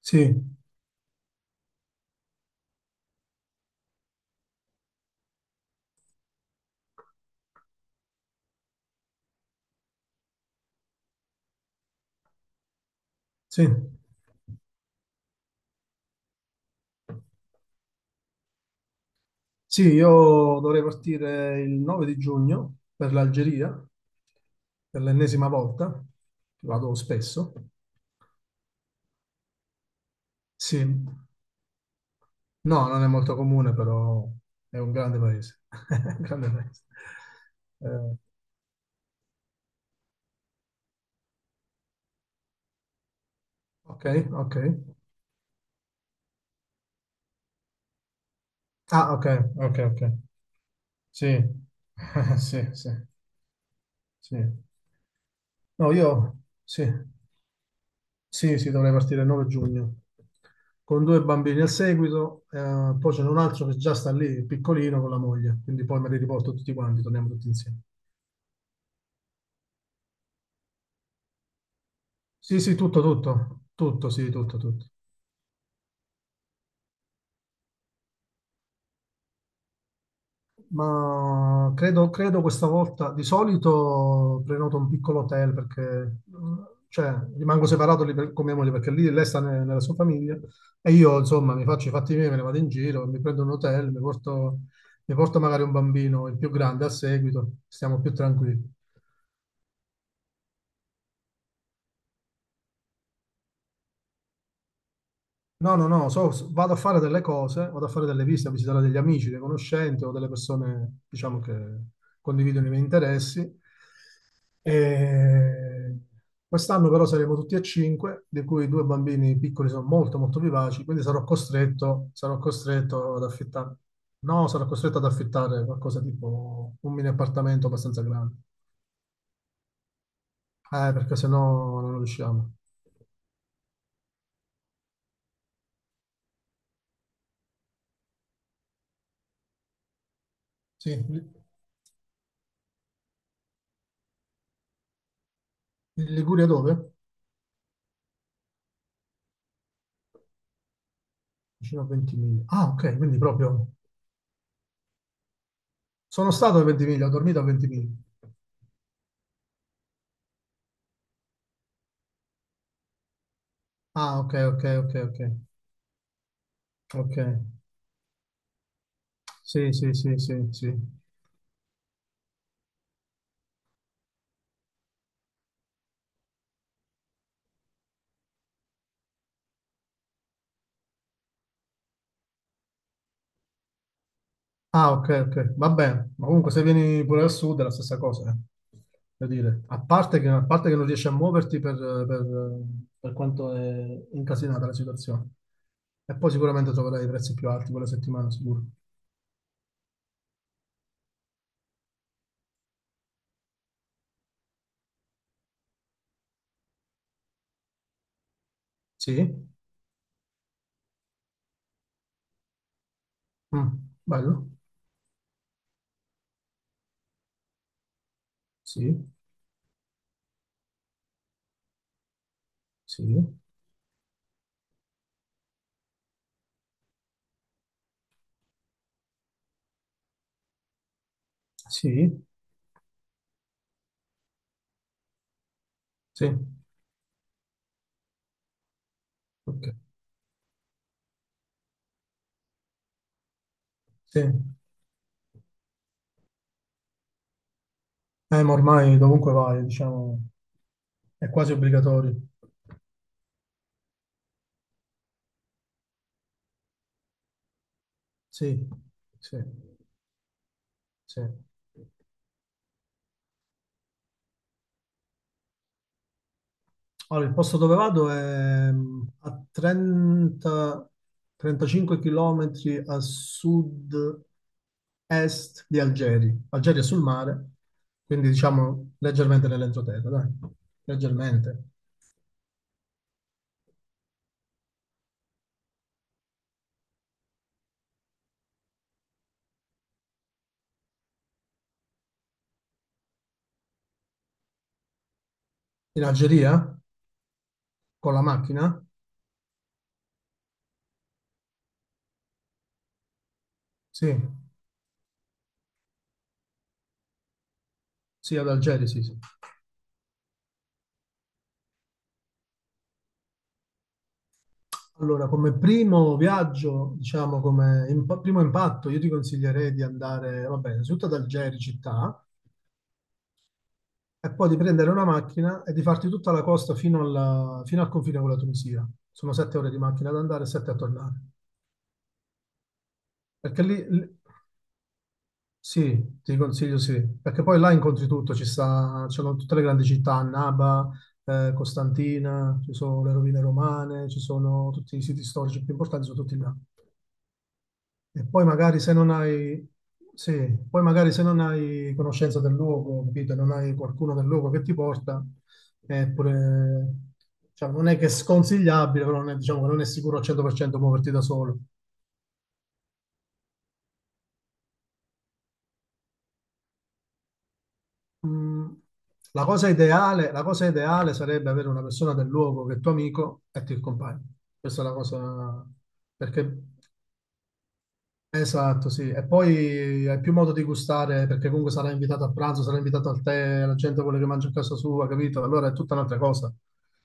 Sì, sì, sì, io dovrei partire il 9 di giugno per l'Algeria, per l'ennesima volta, vado spesso. Sì, no, non è molto comune, però è un grande paese. Un grande paese. Eh, ok, ok. Ah, ok, ok, ok. Sì, sì, sì, sì. No, io, sì. Sì, sì, dovrei partire il 9 giugno con due bambini al seguito, poi c'è un altro che già sta lì, piccolino, con la moglie, quindi poi me li riporto tutti quanti, torniamo tutti insieme. Sì, sì, tutto, tutto, tutto, sì, tutto, tutto. Ma credo questa volta, di solito prenoto un piccolo hotel perché cioè, rimango separato lì con mia moglie perché lì lei sta nella sua famiglia e io insomma mi faccio i fatti miei, me ne vado in giro, mi prendo un hotel, mi porto magari un bambino, il più grande a seguito, stiamo più tranquilli. No, no, no, vado a fare delle cose, vado a fare delle visite, a visitare degli amici, dei conoscenti o delle persone, diciamo, che condividono i miei interessi. E quest'anno però saremo tutti e cinque, di cui i due bambini piccoli sono molto molto vivaci, quindi sarò costretto ad affittare, no, sarò costretto ad affittare qualcosa tipo un mini appartamento abbastanza grande, perché sennò non riusciamo. Sì, in Liguria dove? Vicino a Ventimiglia. Ah, ok, quindi proprio. Sono stato a Ventimiglia, ho dormito a Ventimiglia. Ah, ok, ok, ok, ok. Ok. Sì, sì, sì, sì, sì. Ah, ok, ok, va bene. Ma comunque se vieni pure al sud è la stessa cosa, eh. Voglio dire, a parte che non riesci a muoverti per, per- per quanto è incasinata la situazione. E poi sicuramente troverai i prezzi più alti quella settimana, sicuro. Sì? Mm, bello? Sì, sì, sì, sì, ok. Sì. Ma ormai dovunque vai, diciamo, è quasi obbligatorio. Sì, sì, sì. Allora, il posto dove vado è a 30, 35 km a sud-est di Algeri. Algeri è sul mare, quindi diciamo leggermente nell'entroterra, dai. Leggermente. In Algeria? Con la macchina? Sì, sì, ad Algeri, sì, sì. Allora, come primo viaggio, diciamo come primo impatto, io ti consiglierei di andare, vabbè, innanzitutto ad Algeri città, e poi di prendere una macchina e di farti tutta la costa fino al confine con la Tunisia. Sono 7 ore di macchina ad andare e sette a tornare. Perché lì, lì- sì, ti consiglio sì, perché poi là incontri tutto, ci sta, ci sono tutte le grandi città, Annaba, Costantina, ci sono le rovine romane, ci sono tutti i siti storici più importanti, sono tutti là. E poi magari se non hai, Sì, poi magari se non hai conoscenza del luogo, capito, non hai qualcuno del luogo che ti porta, è pure, cioè, non è che è sconsigliabile, però non è, diciamo che non è sicuro al 100% muoverti da solo. Mm, la cosa ideale sarebbe avere una persona del luogo che è tuo amico e ti accompagna. Questa è la cosa, perché Esatto, sì. E poi hai più modo di gustare perché comunque sarà invitato a pranzo, sarà invitato al tè, la gente vuole che mangi a casa sua, capito? Allora è tutta un'altra cosa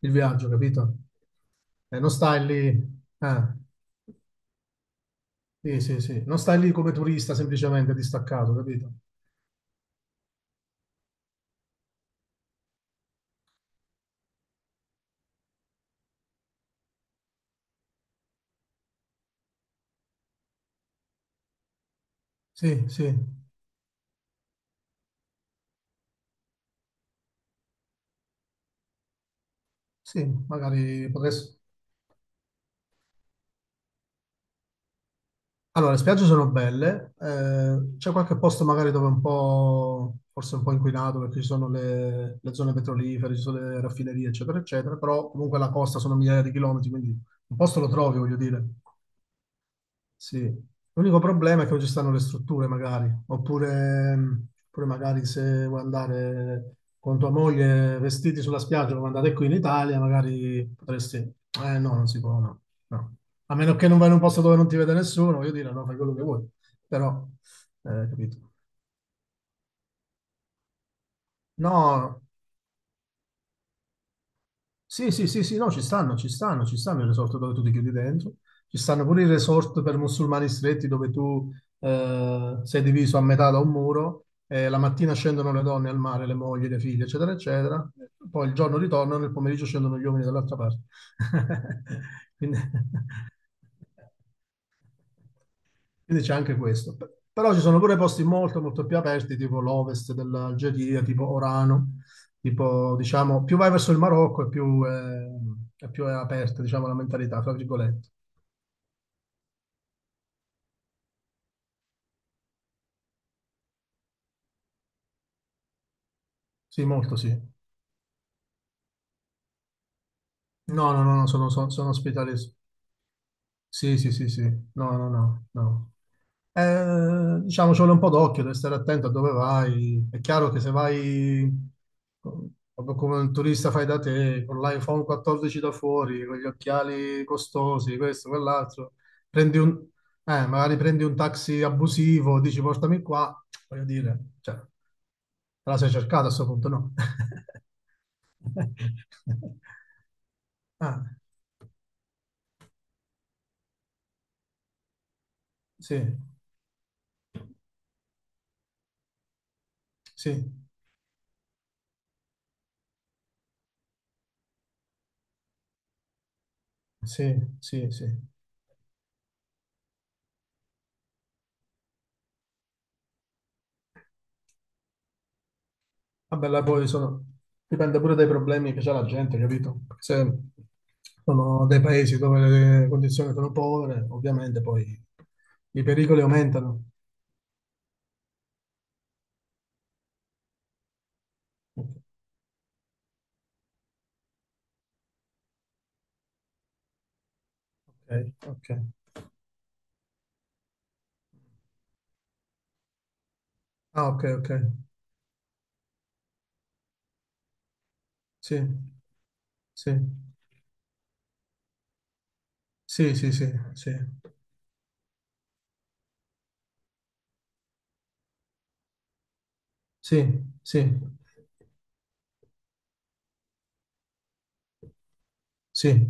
il viaggio, capito? E non stai lì, eh, sì, sì, sì, non stai lì come turista semplicemente distaccato, capito? Sì, sì, sì, magari potresti. Allora, le spiagge sono belle, c'è qualche posto magari dove è un po', forse un po' inquinato perché ci sono le zone petrolifere, ci sono le raffinerie, eccetera, eccetera, però comunque la costa sono migliaia di chilometri, quindi un posto lo trovi, voglio dire. Sì, l'unico problema è che non ci stanno le strutture, magari, oppure magari se vuoi andare con tua moglie vestiti sulla spiaggia come andate qui in Italia, magari potresti. Eh no, non si può, no, no. A meno che non vai in un posto dove non ti vede nessuno, voglio dire, no, fai quello che vuoi. Però, capito. No, sì, sì, sì, sì, no, ci stanno, ci stanno, ci stanno i resort dove tu ti chiudi dentro, ci stanno pure i resort per musulmani stretti dove tu sei diviso a metà da un muro e la mattina scendono le donne al mare, le mogli, le figlie, eccetera, eccetera, poi il giorno ritornano, nel pomeriggio scendono gli uomini dall'altra parte. Quindi... Quindi c'è anche questo. Però ci sono pure posti molto, molto più aperti, tipo l'ovest dell'Algeria, tipo Orano, tipo, diciamo, più vai verso il Marocco e e più è aperta, diciamo, la mentalità, tra virgolette. Sì, molto sì. No, no, no, no, sono ospitali. Sì, sì, sì, sì. No, no, no, no. Diciamo, ci vuole un po' d'occhio, devi stare attento a dove vai. È chiaro che se vai co- proprio come un turista fai da te, con l'iPhone 14 da fuori, con gli occhiali costosi, questo, quell'altro, magari prendi un taxi abusivo, dici portami qua, voglio dire, cioè, te la sei cercata a questo punto, no? Ah, sì, sì, sì, sì, sì. Vabbè, là poi dipende pure dai problemi che c'ha la gente, capito? Perché se sono dei paesi dove le condizioni sono povere, ovviamente poi i pericoli aumentano. Ok, ok. Ah, ok, ok. Sì, sì, sì, sì, sì, sì, sì, sì, sì.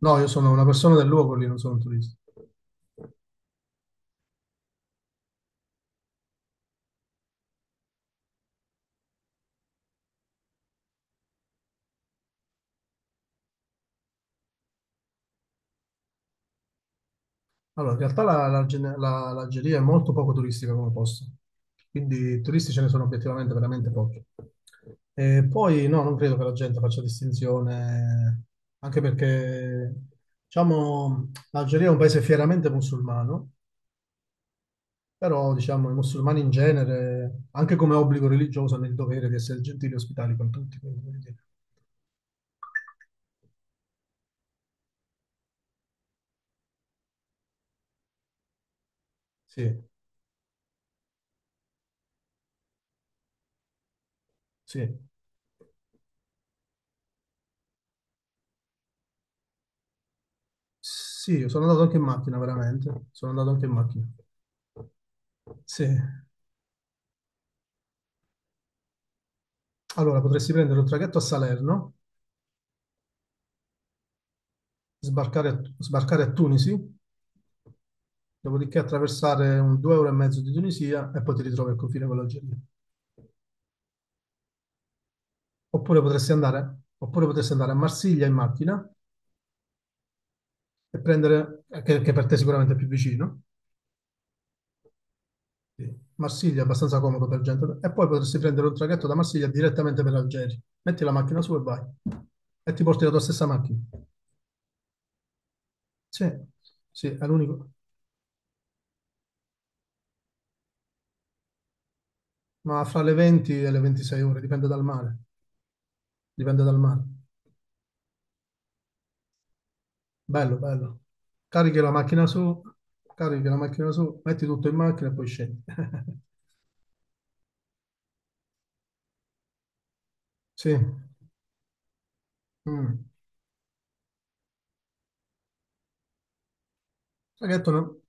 No, io sono una persona del luogo lì, non sono un turista. Allora, in realtà l'Algeria è molto poco turistica come posto, quindi turisti ce ne sono obiettivamente veramente pochi. E poi no, non credo che la gente faccia distinzione, anche perché, diciamo, l'Algeria è un paese fieramente musulmano, però, diciamo, i musulmani in genere, anche come obbligo religioso, hanno il dovere di essere gentili e ospitali con tutti. Quindi, voglio dire. Sì, sì, sì, sono andato anche in macchina, veramente, sono andato anche in macchina. Sì. Allora, potresti prendere un traghetto a Salerno, sbarcare a Tunisi, dopodiché attraversare un due ore e mezzo di Tunisia e poi ti ritrovi al confine con l'Algeria. Oppure potresti andare a Marsiglia in macchina e prendere, che per te sicuramente è più vicino, sì. Marsiglia è abbastanza comodo per gente, e poi potresti prendere un traghetto da Marsiglia direttamente per l'Algeria. Metti la macchina su e vai. E ti porti la tua stessa macchina. Sì, sì, è l'unico. Ma fra le 20 e le 26 ore, dipende dal mare. Dipende dal mare. Bello, bello. Carichi la macchina su, carichi la macchina su, metti tutto in macchina e poi scendi. Sì, mm. Traghetto no?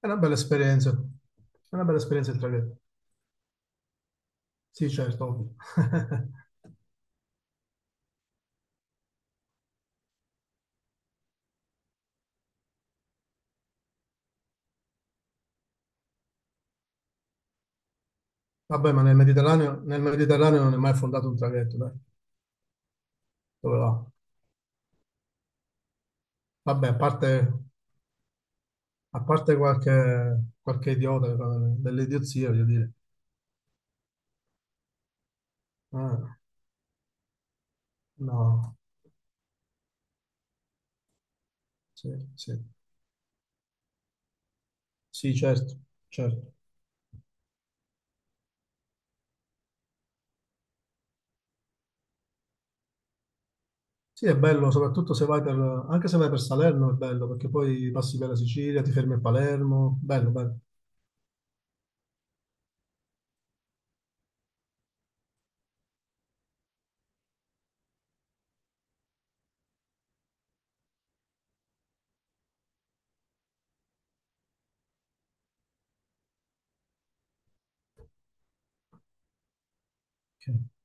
È una bella esperienza. È una bella esperienza il traghetto. Sì, certo, ovvio. Vabbè, ma nel Mediterraneo non è mai fondato un traghetto, dai. Dove va? Vabbè, a parte qualche idiota che fa delle idiozie, voglio dire. Ah, no, sì, sì. Sì, certo, certo. Sì, è bello, soprattutto se vai per, anche se vai per Salerno è bello, perché poi passi per la Sicilia, ti fermi a Palermo, bello, bello. Ok.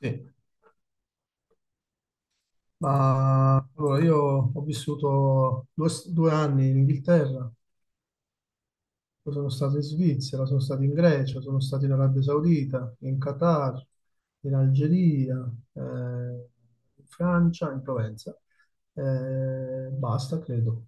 Sì. Ma allora io ho vissuto due anni in Inghilterra, poi sono stato in Svizzera, sono stato in Grecia, sono stato in Arabia Saudita, in Qatar, in Algeria, in Francia, in Provenza. Basta, credo.